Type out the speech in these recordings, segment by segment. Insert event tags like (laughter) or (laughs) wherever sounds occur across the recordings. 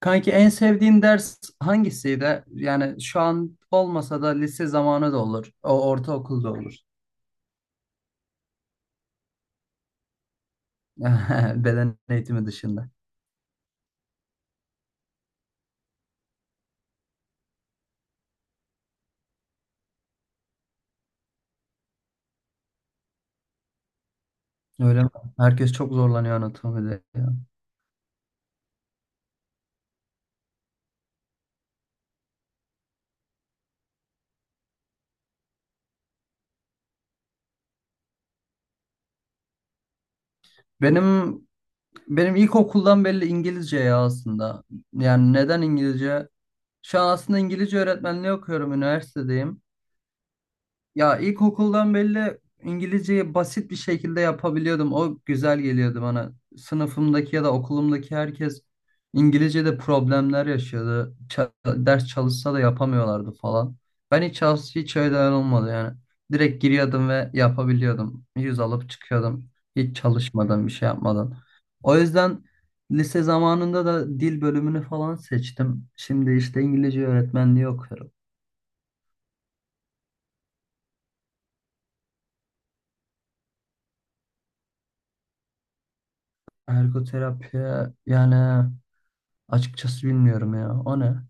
Kanki en sevdiğin ders hangisiydi? Yani şu an olmasa da lise zamanı da olur. O ortaokulda olur. (laughs) Beden eğitimi dışında. Öyle mi? Herkes çok zorlanıyor anatomide ya. Benim benim ilkokuldan belli İngilizce ya aslında. Yani neden İngilizce? Şu an aslında İngilizce öğretmenliği okuyorum, üniversitedeyim. Ya ilkokuldan belli İngilizceyi basit bir şekilde yapabiliyordum. O güzel geliyordu bana. Sınıfımdaki ya da okulumdaki herkes İngilizce'de problemler yaşıyordu. Ders çalışsa da yapamıyorlardı falan. Ben hiç öyle olmadı yani. Direkt giriyordum ve yapabiliyordum. Yüz alıp çıkıyordum. Hiç çalışmadan, bir şey yapmadan. O yüzden lise zamanında da dil bölümünü falan seçtim. Şimdi işte İngilizce öğretmenliği okuyorum. Ergoterapi, yani, açıkçası bilmiyorum ya. O ne?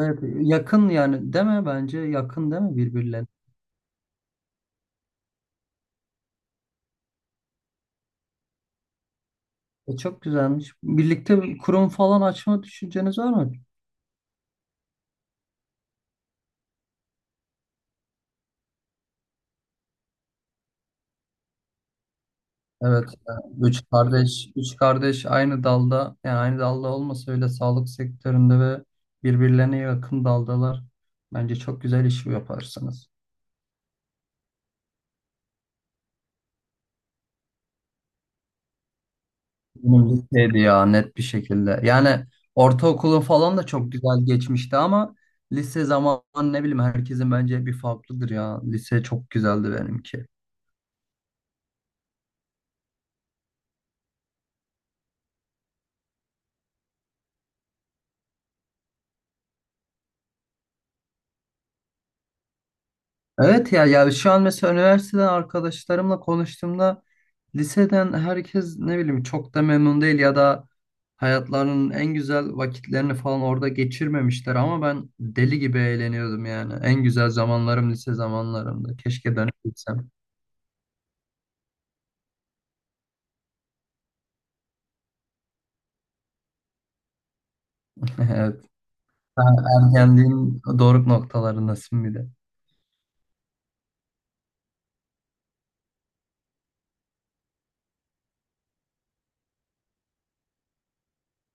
Evet, yakın yani değil mi bence? Yakın değil mi birbirlerine? E, çok güzelmiş. Birlikte bir kurum falan açma düşünceniz var mı? Evet. Üç kardeş, üç kardeş aynı dalda, yani aynı dalda olmasa öyle sağlık sektöründe ve birbirlerine yakın daldalar. Bence çok güzel iş yaparsınız. Lisedeydi ya net bir şekilde. Yani ortaokulun falan da çok güzel geçmişti ama lise zamanı ne bileyim herkesin bence bir farklıdır ya. Lise çok güzeldi benimki. Evet ya, şu an mesela üniversiteden arkadaşlarımla konuştuğumda liseden herkes ne bileyim çok da memnun değil ya da hayatlarının en güzel vakitlerini falan orada geçirmemişler ama ben deli gibi eğleniyordum yani. En güzel zamanlarım lise zamanlarımdı. Keşke dönüp gitsem. (laughs) Evet. Ha, ergenliğin doruk noktalarındasın bir de.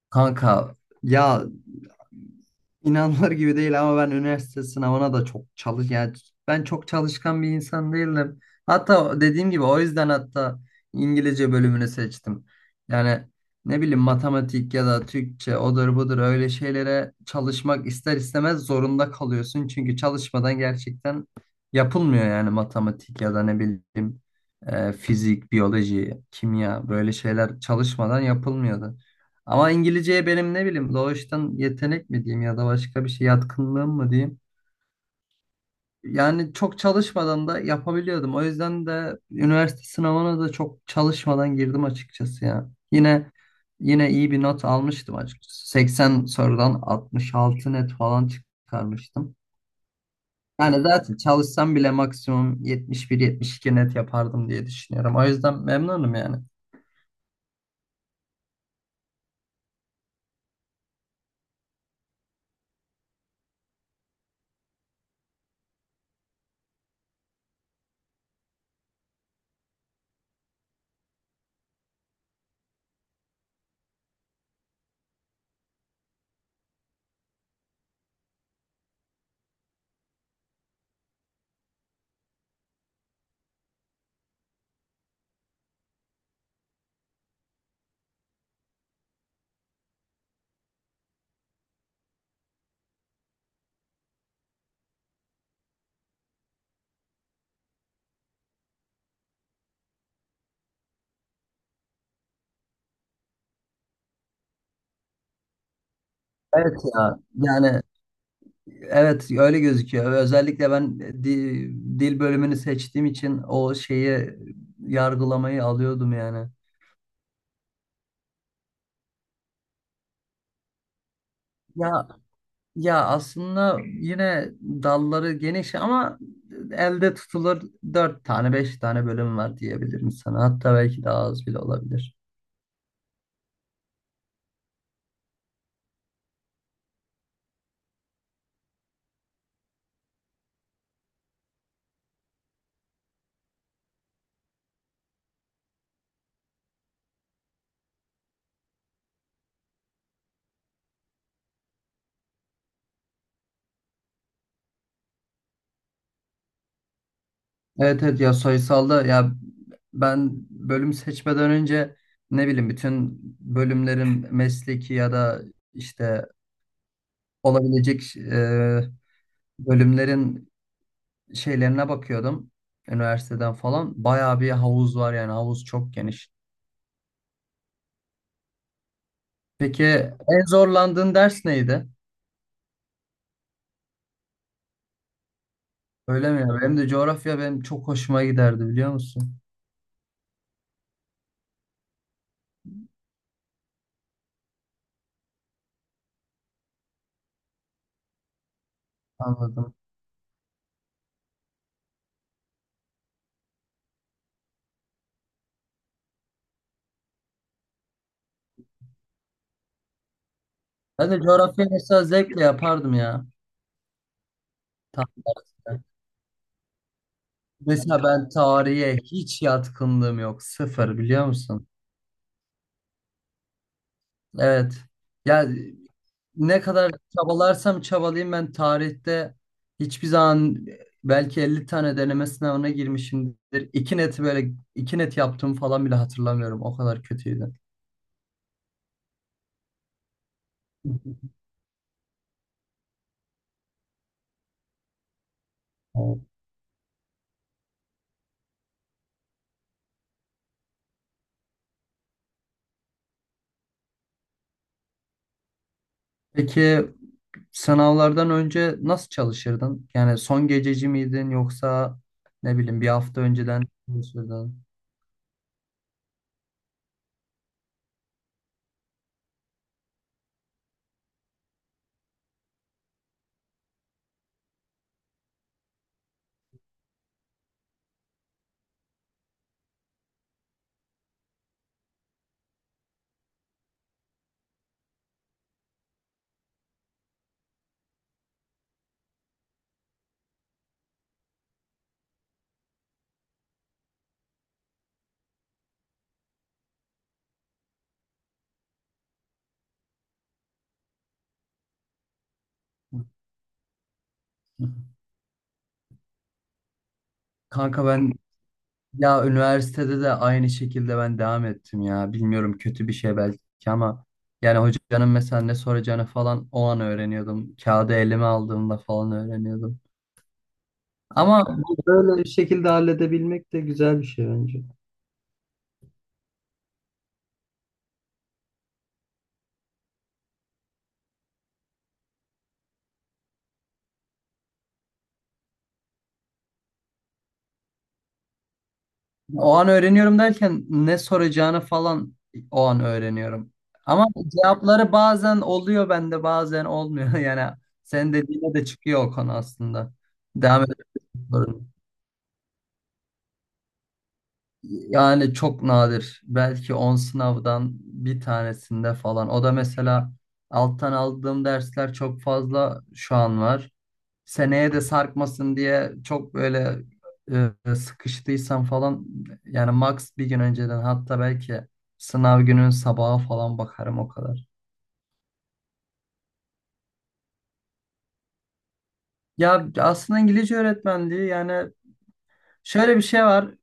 Kanka, ya, İnanılır gibi değil ama ben üniversite sınavına da çok çalış, yani ben çok çalışkan bir insan değilim. Hatta dediğim gibi o yüzden hatta İngilizce bölümünü seçtim. Yani ne bileyim matematik ya da Türkçe odur budur öyle şeylere çalışmak ister istemez zorunda kalıyorsun. Çünkü çalışmadan gerçekten yapılmıyor yani matematik ya da ne bileyim fizik, biyoloji, kimya böyle şeyler çalışmadan yapılmıyordu. Ama İngilizceye benim ne bileyim doğuştan yetenek mi diyeyim ya da başka bir şey yatkınlığım mı diyeyim. Yani çok çalışmadan da yapabiliyordum. O yüzden de üniversite sınavına da çok çalışmadan girdim açıkçası ya. Yine iyi bir not almıştım açıkçası. 80 sorudan 66 net falan çıkarmıştım. Yani zaten çalışsam bile maksimum 71-72 net yapardım diye düşünüyorum. O yüzden memnunum yani. Evet ya, yani, evet öyle gözüküyor. Ve özellikle ben dil bölümünü seçtiğim için o şeyi yargılamayı alıyordum yani. Ya ya aslında yine dalları geniş ama elde tutulur dört tane beş tane bölüm var diyebilirim sana. Hatta belki daha az bile olabilir. Evet evet, ya sayısalda ya ben bölüm seçmeden önce ne bileyim bütün bölümlerin mesleki ya da işte olabilecek bölümlerin şeylerine bakıyordum üniversiteden falan. Bayağı bir havuz var yani havuz çok geniş. Peki en zorlandığın ders neydi? Öyle mi ya? Benim de coğrafya benim çok hoşuma giderdi biliyor musun? Anladım. Ben de coğrafya mesela zevkle yapardım ya. Tam tersi. Mesela ben tarihe hiç yatkınlığım yok. Sıfır biliyor musun? Evet. Ya ne kadar çabalarsam çabalayayım ben tarihte hiçbir zaman belki 50 tane deneme sınavına girmişimdir. İki neti böyle iki net yaptığımı falan bile hatırlamıyorum. O kadar kötüydü. Evet. Peki sınavlardan önce nasıl çalışırdın? Yani son gececi miydin yoksa ne bileyim bir hafta önceden çalışırdın? Kanka ben, ya üniversitede de aynı şekilde ben devam ettim ya. Bilmiyorum kötü bir şey belki ama yani hocanın mesela ne soracağını falan o an öğreniyordum. Kağıdı elime aldığımda falan öğreniyordum. Ama bu böyle bir şekilde halledebilmek de güzel bir şey bence. O an öğreniyorum derken ne soracağını falan o an öğreniyorum. Ama cevapları bazen oluyor bende bazen olmuyor. (laughs) Yani senin dediğine de çıkıyor o konu aslında. Devam edelim. Yani çok nadir. Belki 10 sınavdan bir tanesinde falan. O da mesela alttan aldığım dersler çok fazla şu an var. Seneye de sarkmasın diye çok böyle sıkıştıysam falan yani max bir gün önceden hatta belki sınav günün sabaha falan bakarım o kadar. Ya aslında İngilizce öğretmenliği yani şöyle bir şey var.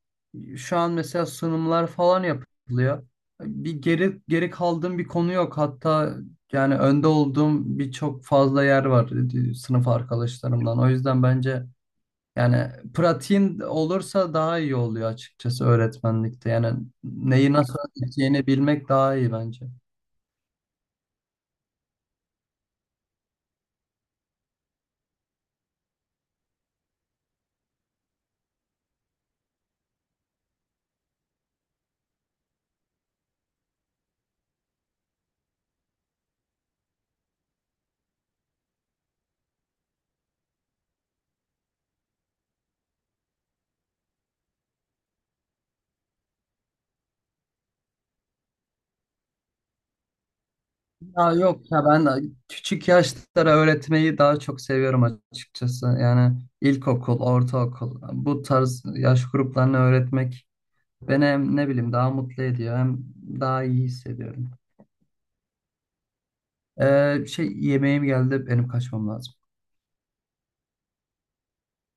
Şu an mesela sunumlar falan yapılıyor. Bir geri kaldığım bir konu yok. Hatta yani önde olduğum birçok fazla yer var, sınıf arkadaşlarımdan. O yüzden bence yani pratiğin olursa daha iyi oluyor açıkçası öğretmenlikte. Yani neyi nasıl öğreteceğini bilmek daha iyi bence. Ya yok ya, ben küçük yaşlara öğretmeyi daha çok seviyorum açıkçası. Yani ilkokul, ortaokul bu tarz yaş gruplarını öğretmek beni hem ne bileyim daha mutlu ediyor hem daha iyi hissediyorum. Şey, yemeğim geldi benim kaçmam lazım.